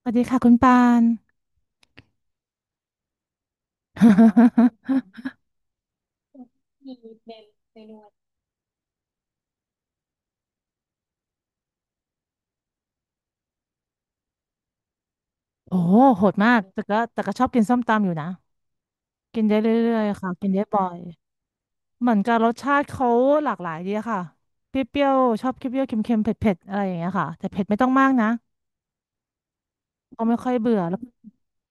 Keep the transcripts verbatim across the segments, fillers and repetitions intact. สวัสดีค่ะคุณปาน โอ้โหโหดมากแต่ก็แต่ก็ชอบกินส้มตำอยู่นะกินได้เรื่อยๆค่ะกินได้บ่อยเหมือนกับรสชาติเขาหลากหลายดีอะค่ะเปรี้ยวๆชอบเปรี้ยวๆเค็มๆเผ็ดๆอะไรอย่างเงี้ยค่ะแต่เผ็ดไม่ต้องมากนะก็ไม่ค่อยเบื่อแล้ว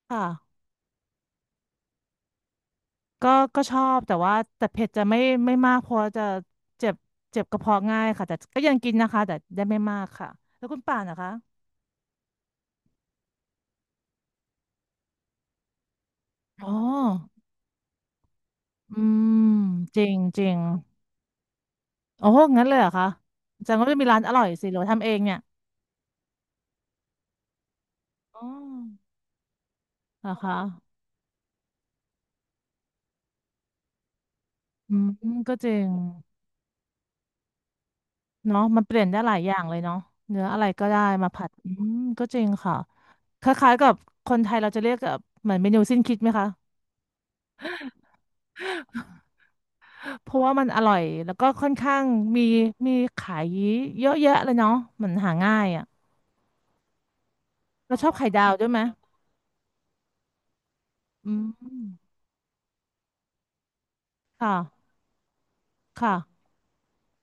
ค่ะก็ก็ชอบแต่ว่าแต่เผ็ดจะไม่ไม่มากเพราะจะเจ็บเจ็บกระเพาะง่ายค่ะแต่ก็ยังกินนะคะแต่ได้ไม่มากค่ะแล้วคุณป่านนะคะอ๋ออืมจริงจริง โอ้งั้นเลยเหรอคะแสดงว่ารย์ก็จะมีร้านอร่อยสิหรือว่าทำเองเนี่ยอ๋อเหรอคะอืมก็จริงเนาะมันเปลี่ยนได้หลายอย่างเลยเนาะเนื้ออะไรก็ได้มาผัดอืมก็จริงค่ะคล้ายๆกับคนไทยเราจะเรียกแบบเหมือนเมนูสิ้นคิดไหมคะเพราะว่ามันอร่อย แล้วก็ค่อนข้างมีมีขายเยอะแยะเลยเนาะมันหาง่ายอ่ะเราชอบไข่ดาวด้วยไหมอืมค่ะค่ะ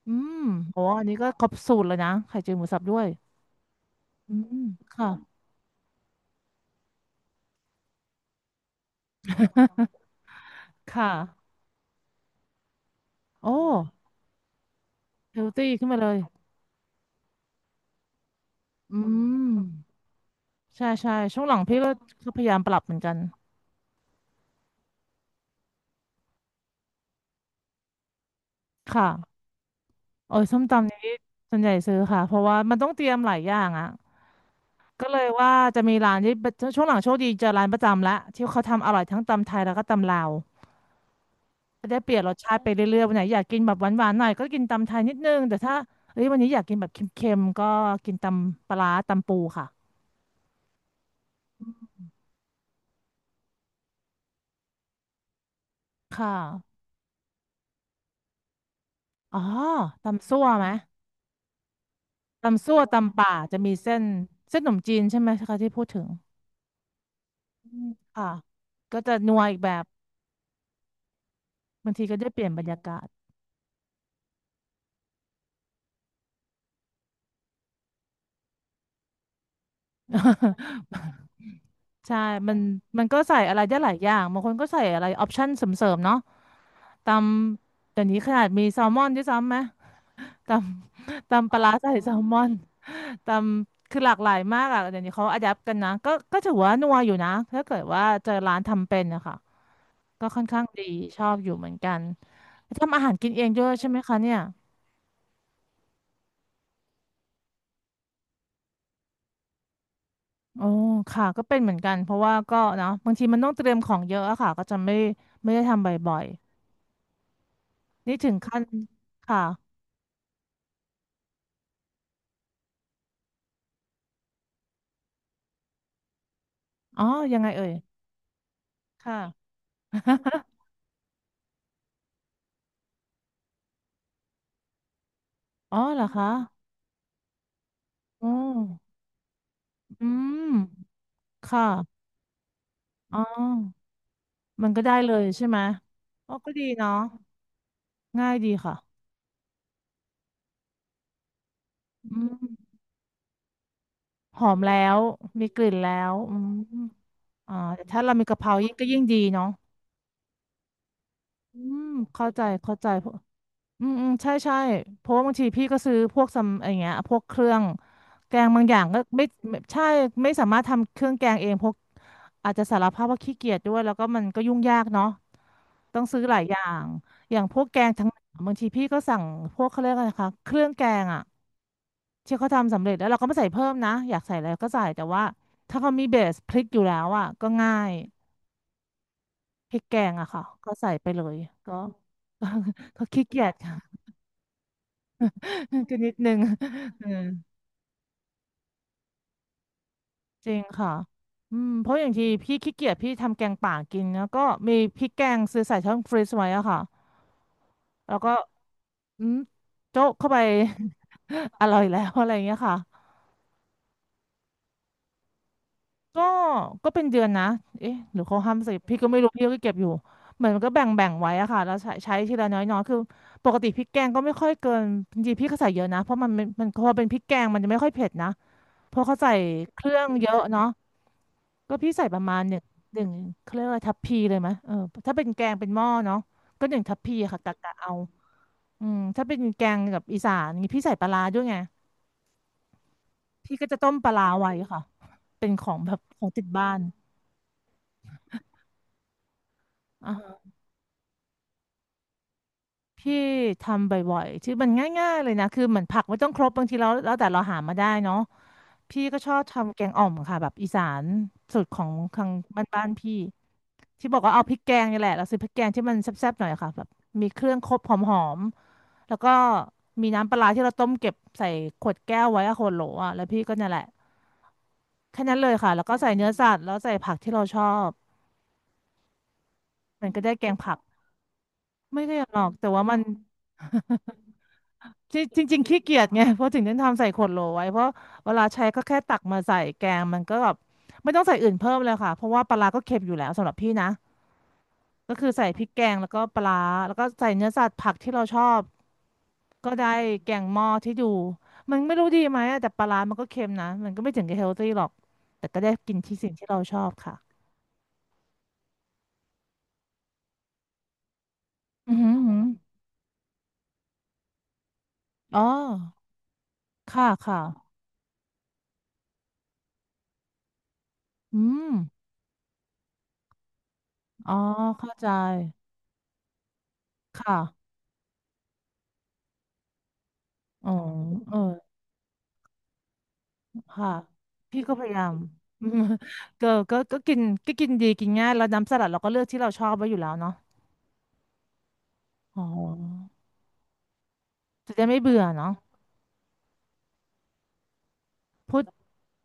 อืมโอ้อันนี้ก็ครบสูตรเลยนะไข่เจียวหมูสับด้วยอืมค่ะ ค่ะโอ้เฮลตี้ขึ้นมาเลยอืมใช่ใช่ช่วงหลังพี่ก็ก็พยายามปรับเหมือนกันค่ะโอ้ยส้มตำนี้ส่วนใหญ่ซื้อค่ะเพราะว่ามันต้องเตรียมหลายอย่างอ่ะก็เลยว่าจะมีร้านที่ช่วงหลังโชคดีเจอร้านประจำละที่เขาทำอร่อยทั้งตำไทยแล้วก็ตำลาวก็ได้เปลี่ยนรสชาติไปเรื่อยๆวันไหนอยากกินแบบหวานๆหน่อยก็กินตำไทยนิดนึงแต่ถ้าเอ้ยวันนี้อยากกินแบบเค็มๆก็กินตำปลาร้าตำปูค่ะค่ะอ๋อตำซั่วไหม ตำซั่วตำป่าจะมีเส้นเส้นขนมจีนใช่ไหมคะที่พูดถึงอืมค่ะก็จะนัวอีกแบบบางทีก็ได้เปลี่ยนบรรยากาศ ใช่มันมันก็ใส่อะไรได้หลายอย่างบางคนก็ใส่อะไรออปชั่นเสริมๆเนาะตำเดี๋ยวนี้ขนาดมีแซลมอนด้วยซ้ำไหมตำตำปลาร้าใส่แซลมอนตำคือหลากหลายมากอ่ะเดี๋ยวนี้เขาอะแดปกันนะก็ก็ถือว่านัวอยู่นะถ้าเกิดว่าเจอร้านทำเป็นนะคะก็ค่อนข้างดีชอบอยู่เหมือนกัน ทำอาหารกินเองด้วยใช่ไหมคะเนี่ยโอ้ค่ะก็เป็นเหมือนกันเพราะว่าก็เนาะบางทีมันต้องเตรียมของเยอะอะค่ะก็จะไม่ไม่ได้ทำบ่อยๆ นี่ถึงขั้นค่ะอ๋อยังไงเอ่ยค่ะ อ๋อเหรอคะอ๋ออืมค่ะอ๋อมันก็ได้เลยใช่ไหมอ๋อก็ดีเนาะง่ายดีค่ะอืมหอมแล้วมีกลิ่นแล้วอืมอ่าแต่ถ้าเรามีกะเพรายิ่งก็ยิ่งดีเนาะอืมเข้าใจเข้าใจ อืมอืมใช่ใช่เพราะว่าบางทีพี่ก็ซื้อพวกซัมอะไรเงี้ยพวกเครื่องแกงบางอย่างก็ไม่ไม่ใช่ไม่สามารถทำเครื่องแกงเองเพราะอาจจะสารภาพว่าขี้เกียจด้วยแล้วก็มันก็ยุ่งยากเนาะต้องซื้อหลายอย่างอย่างพวกแกงทั้งบางทีพี่ก็สั่งพวกเขาเรียกอะไรนะคะเครื่องแกงอ่ะที่เขาทำสำเร็จแล้วเราก็ไม่ใส่เพิ่มนะอยากใส่อะไรก็ใส่แต่ว่าถ้าเขามีเบสพริกอยู่แล้วอ่ะก็ง่ายพริกแกงอะค่ะก็ใส่ไปเลยก็ ก็ก็ขี้เกียจ ก็นิดนึง เออจริงค่ะอืมเพราะอย่างที่พี่ขี้เกียจพี่ทำแกงป่ากินแล้วก็มีพริกแกงซื้อใส่ช่องฟรีซไว้อะค่ะแล้วก็อืมโจ๊ะเข้าไป อร่อยแล้วอะไรอย่างเงี้ยค่ะก็ก็เป็นเดือนนะเอ๊ะหรือเขาห้ามใส่พี่ก็ไม่รู้พี่ก็เก็บอยู่เหมือนมันก็แบ่งแบ่งไว้อะค่ะแล้วใช้ใช้ทีละน้อยๆคือปกติพริกแกงก็ไม่ค่อยเกินจริงๆพี่ก็ใส่เยอะนะเพราะมันมันมันพอเป็นพริกแกงมันจะไม่ค่อยเผ็ดนะเพราะเขาใส่เครื่องเยอะเนาะ ก็พี่ใส่ประมาณหนึ่งหนึ่งเขาเรียกว่าทัพพีเลยไหมเออถ้าเป็นแกงเป็นหม้อเนาะก็หนึ่งทัพพีค่ะกะกะเอาอืมถ้าเป็นแกงกับอีสานนี่พี่ใส่ปลาร้าด้วยไงพี่ก็จะต้มปลาร้าไว้ค่ะเป็นของแบบของติดบ้านอ่าฮะพี่ทำบ่อยๆชื่อมันง่ายๆเลยนะคือเหมือนผักไม่ต้องครบบางทีเราแล้วแต่เราหามาได้เนาะพี่ก็ชอบทำแกงอ่อมค่ะแบบอีสานสูตรของทางบ้านๆพี่ที่บอกว่าเอาพริกแกงนี่แหละเราซื้อพริกแกงที่มันแซ่บๆหน่อยค่ะแบบมีเครื่องครบหอม แล้วก็มีน้ำปลาร้าที่เราต้มเก็บใส่ขวดแก้วไว้อะขวดโหลอะแล้วพี่ก็เนี่ยแหละแค่นั้นเลยค่ะ แล้วก็ใส่เนื้อสัตว์แล้วใส่ผักที่เราชอบมันก็ได้แกงผักไม่ได้หรอกแต่ว่ามันจริงจริงๆขี้เกียจไงเพราะถึงได้ทำใส่ขวดโหลไว้เพราะเวลาใช้ก็แค่ตักมาใส่แกงมันก็แบบไม่ต้องใส่อื่นเพิ่มเลยค่ะเพราะว่าปลาร้าก็เค็มอยู่แล้วสำหรับพี่นะ ก็คือใส่พริกแกงแล้วก็ปลาร้าแล้วก็ใส่เนื้อสัตว์ผักที่เราชอบก็ได้แกงหม้อที่ดูมันไม่รู้ดีไหมอะแต่ปลาร้ามันก็เค็มนะมันก็ไม่ถึงกับเฮลตี้หรอกแต่ก็ได้กินที่สิ่งที่เราชอบค่ะอือหือหืออ๋อค่ะค่ะอืมอ๋อเข้าใจค่ะอ๋อเออค่ะพี่ก็พยายาม อืมก็ก็ก็กินก็กินดีกินง่ายแล้วน้ำสลัดเราก็เลือกที่เราชอบไว้อยู่แล้วเนาะอ๋อจะได้ไม่เบื่อเนาะพูด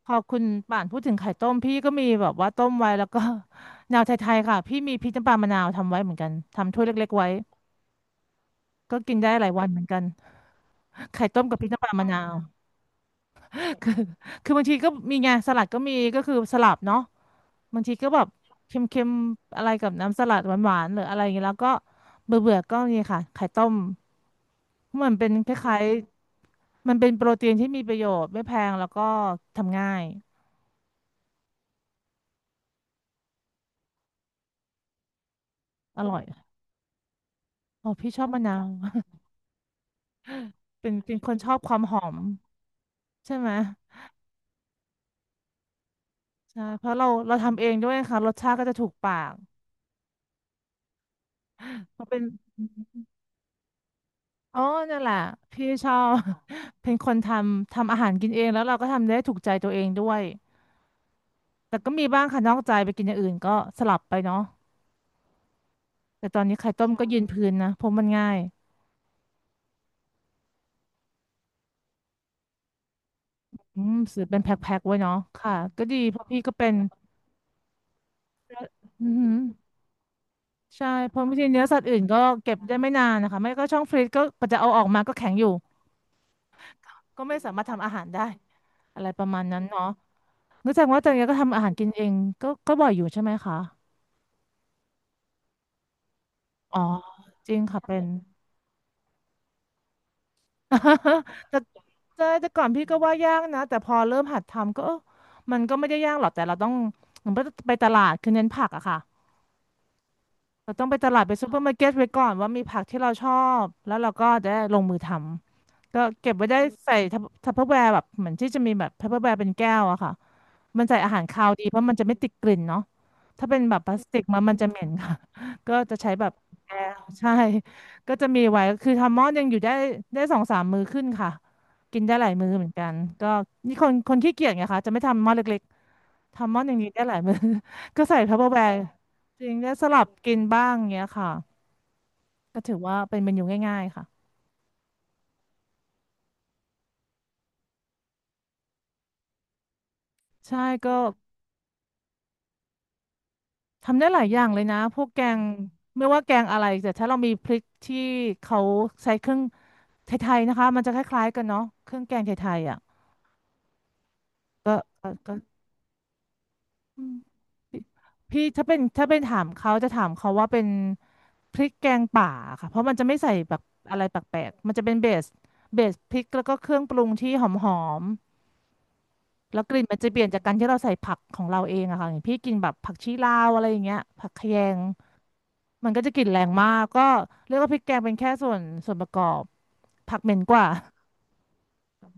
พอคุณป่านพูดถึงไข่ต้มพี่ก็มีแบบว่าต้มไว้แล้วก็ แนวไทยๆค่ะพี่มีพริกน้ำปลามะนาวทำไว้เหมือนกันทำถ้วยเล็กๆไว้ก็กินได้หลายวันเหมือนกันไข่ต้มกับพริกน้ำปลามะนาวคือบางทีก็มีไงสลัดก็มีก็คือสลับเนาะบางทีก็แบบเค็มๆอะไรกับน้ำสลัดหวานๆหรืออะไรอย่างเงี้ยแล้วก็เบื่อๆก็นี่ค่ะไข่ต้มมันเป็นคล้ายๆมันเป็นโปรตีนที่มีประโยชน์ไม่แพงแล้วก็ทำง่ายอร่อยอ๋อพี่ชอบมะนาว เป็นเป็นคนชอบความหอมใช่ไหม ใช่เพราะเราเราทำเองด้วยค่ะรสชาติก็จะถูกปากเพราะเป็นอ๋อนั่นแหละพี่ชอบ เป็นคนทำทำอาหารกินเองแล้วเราก็ทำได้ถูกใจตัวเองด้วยแต่ก็มีบ้างค่ะนอกใจไปกินอย่างอื่นก็สลับไปเนาะแต่ตอนนี้ไข่ต้มก็ยืนพื้นนะเพราะมันง่ายอืมซื้อเป็นแพ็คๆไว้เนาะค่ะก็ดีเพราะพี่ก็เป็นอือหือใช่เพราะบางทีเนื้อสัตว์อื่นก็เก็บได้ไม่นานนะคะไม่ก็ช่องฟรีซก็จะเอาออกมาก็แข็งอยู่ก็ไม่สามารถทำอาหารได้อะไรประมาณนั้นเนาะ รู้จักว่าจากเนี้ยก็ทำอาหารกินเองก็ก็บ่อยอยู่ใช่ไหมคะอ๋อจริงค่ะเป็น แต่ใช่แต่ก่อนพี่ก็ว่ายากนะแต่พอเริ่มหัดทำก็เออมันก็ไม่ได้ยากหรอกแต่เราต้องเหมือนไปตลาดคือเน้นผักอะค่ะเราต้องไปตลาดไปซูเปอร์มาร์เก็ตไว้ก่อนว่ามีผักที่เราชอบแล้วเราก็จะได้ลงมือทำก็เก็บไว้ได้ใส่ทัพทัพเปอร์แวร์แบบเหมือนที่จะมีแบบทัพเปอร์แวร์เป็นแก้วอะค่ะ มันใส่อาหารคาวดีเพราะมันจะไม่ติดกลิ่นเนาะถ้าเป็นแบบพลาสติกมันมันจะเหม็นค่ะ ก็จะใช้แบบแอร์ใช่ ก็จะมีไว้คือทำหม้อดยังอยู่ได้ได้สองสามมื้อขึ้นค่ะกินได้หลายมื้อเหมือนกันก็นี่คนคนขี้เกียจไงคะจะไม่ทำหม้อเล็กๆทำหม้ออย่างนี้ได้หลายมื้อ ก็ใส่ทัพเปอร์แวร์จริงได้สลับกินบ้างเงี้ยค่ะก็ถือว่าเป็นเมนูง่ายๆค่ะใช่ก็ ทำได้หลายอย่างเลยนะพวกแกงไม่ว่าแกงอะไรแต่ถ้าเรามีพริกที่เขาใช้เครื่องไทยๆนะคะมันจะคล้ายๆกันเนาะเครื่องแกงไทยๆอ่ะก็ก็ก็อืมพี่พี่ถ้าเป็นถ้าเป็นถามเขาจะถามเขาว่าเป็นพริกแกงป่าค่ะเพราะมันจะไม่ใส่แบบอะไรแปลกๆมันจะเป็นเบสเบสพริกแล้วก็เครื่องปรุงที่หอมๆแล้วกลิ่นมันจะเปลี่ยนจากการที่เราใส่ผักของเราเองอะค่ะอย่างพี่กินแบบผักชีลาวอะไรอย่างเงี้ยผักคะแยง มันก็จะกลิ่นแรงมากก็เรียกว่าพริกแกงเป็นแค่ส่วนส่วนประกอบผักเหม็นกว่า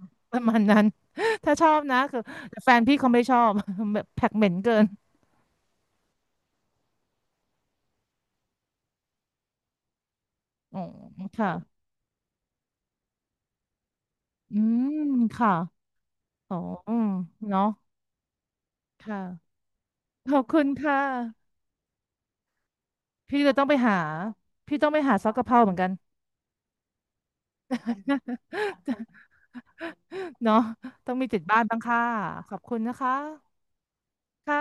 ประมาณนั้น ถ้าชอบนะคือแต่แฟนพี่เขาไม่ชอบ แบบผักเหม็นเกินอ๋อค่ะอืมค่ะอ๋ออืมเนาะค่ะขอบคุณค่ะพี่จะต้องไปหาพี่ต้องไปหาซอกกะเพราเหมือนกัน เนาะต้องมีติดบ้านบ้างค่ะขอบคุณนะคะค่ะ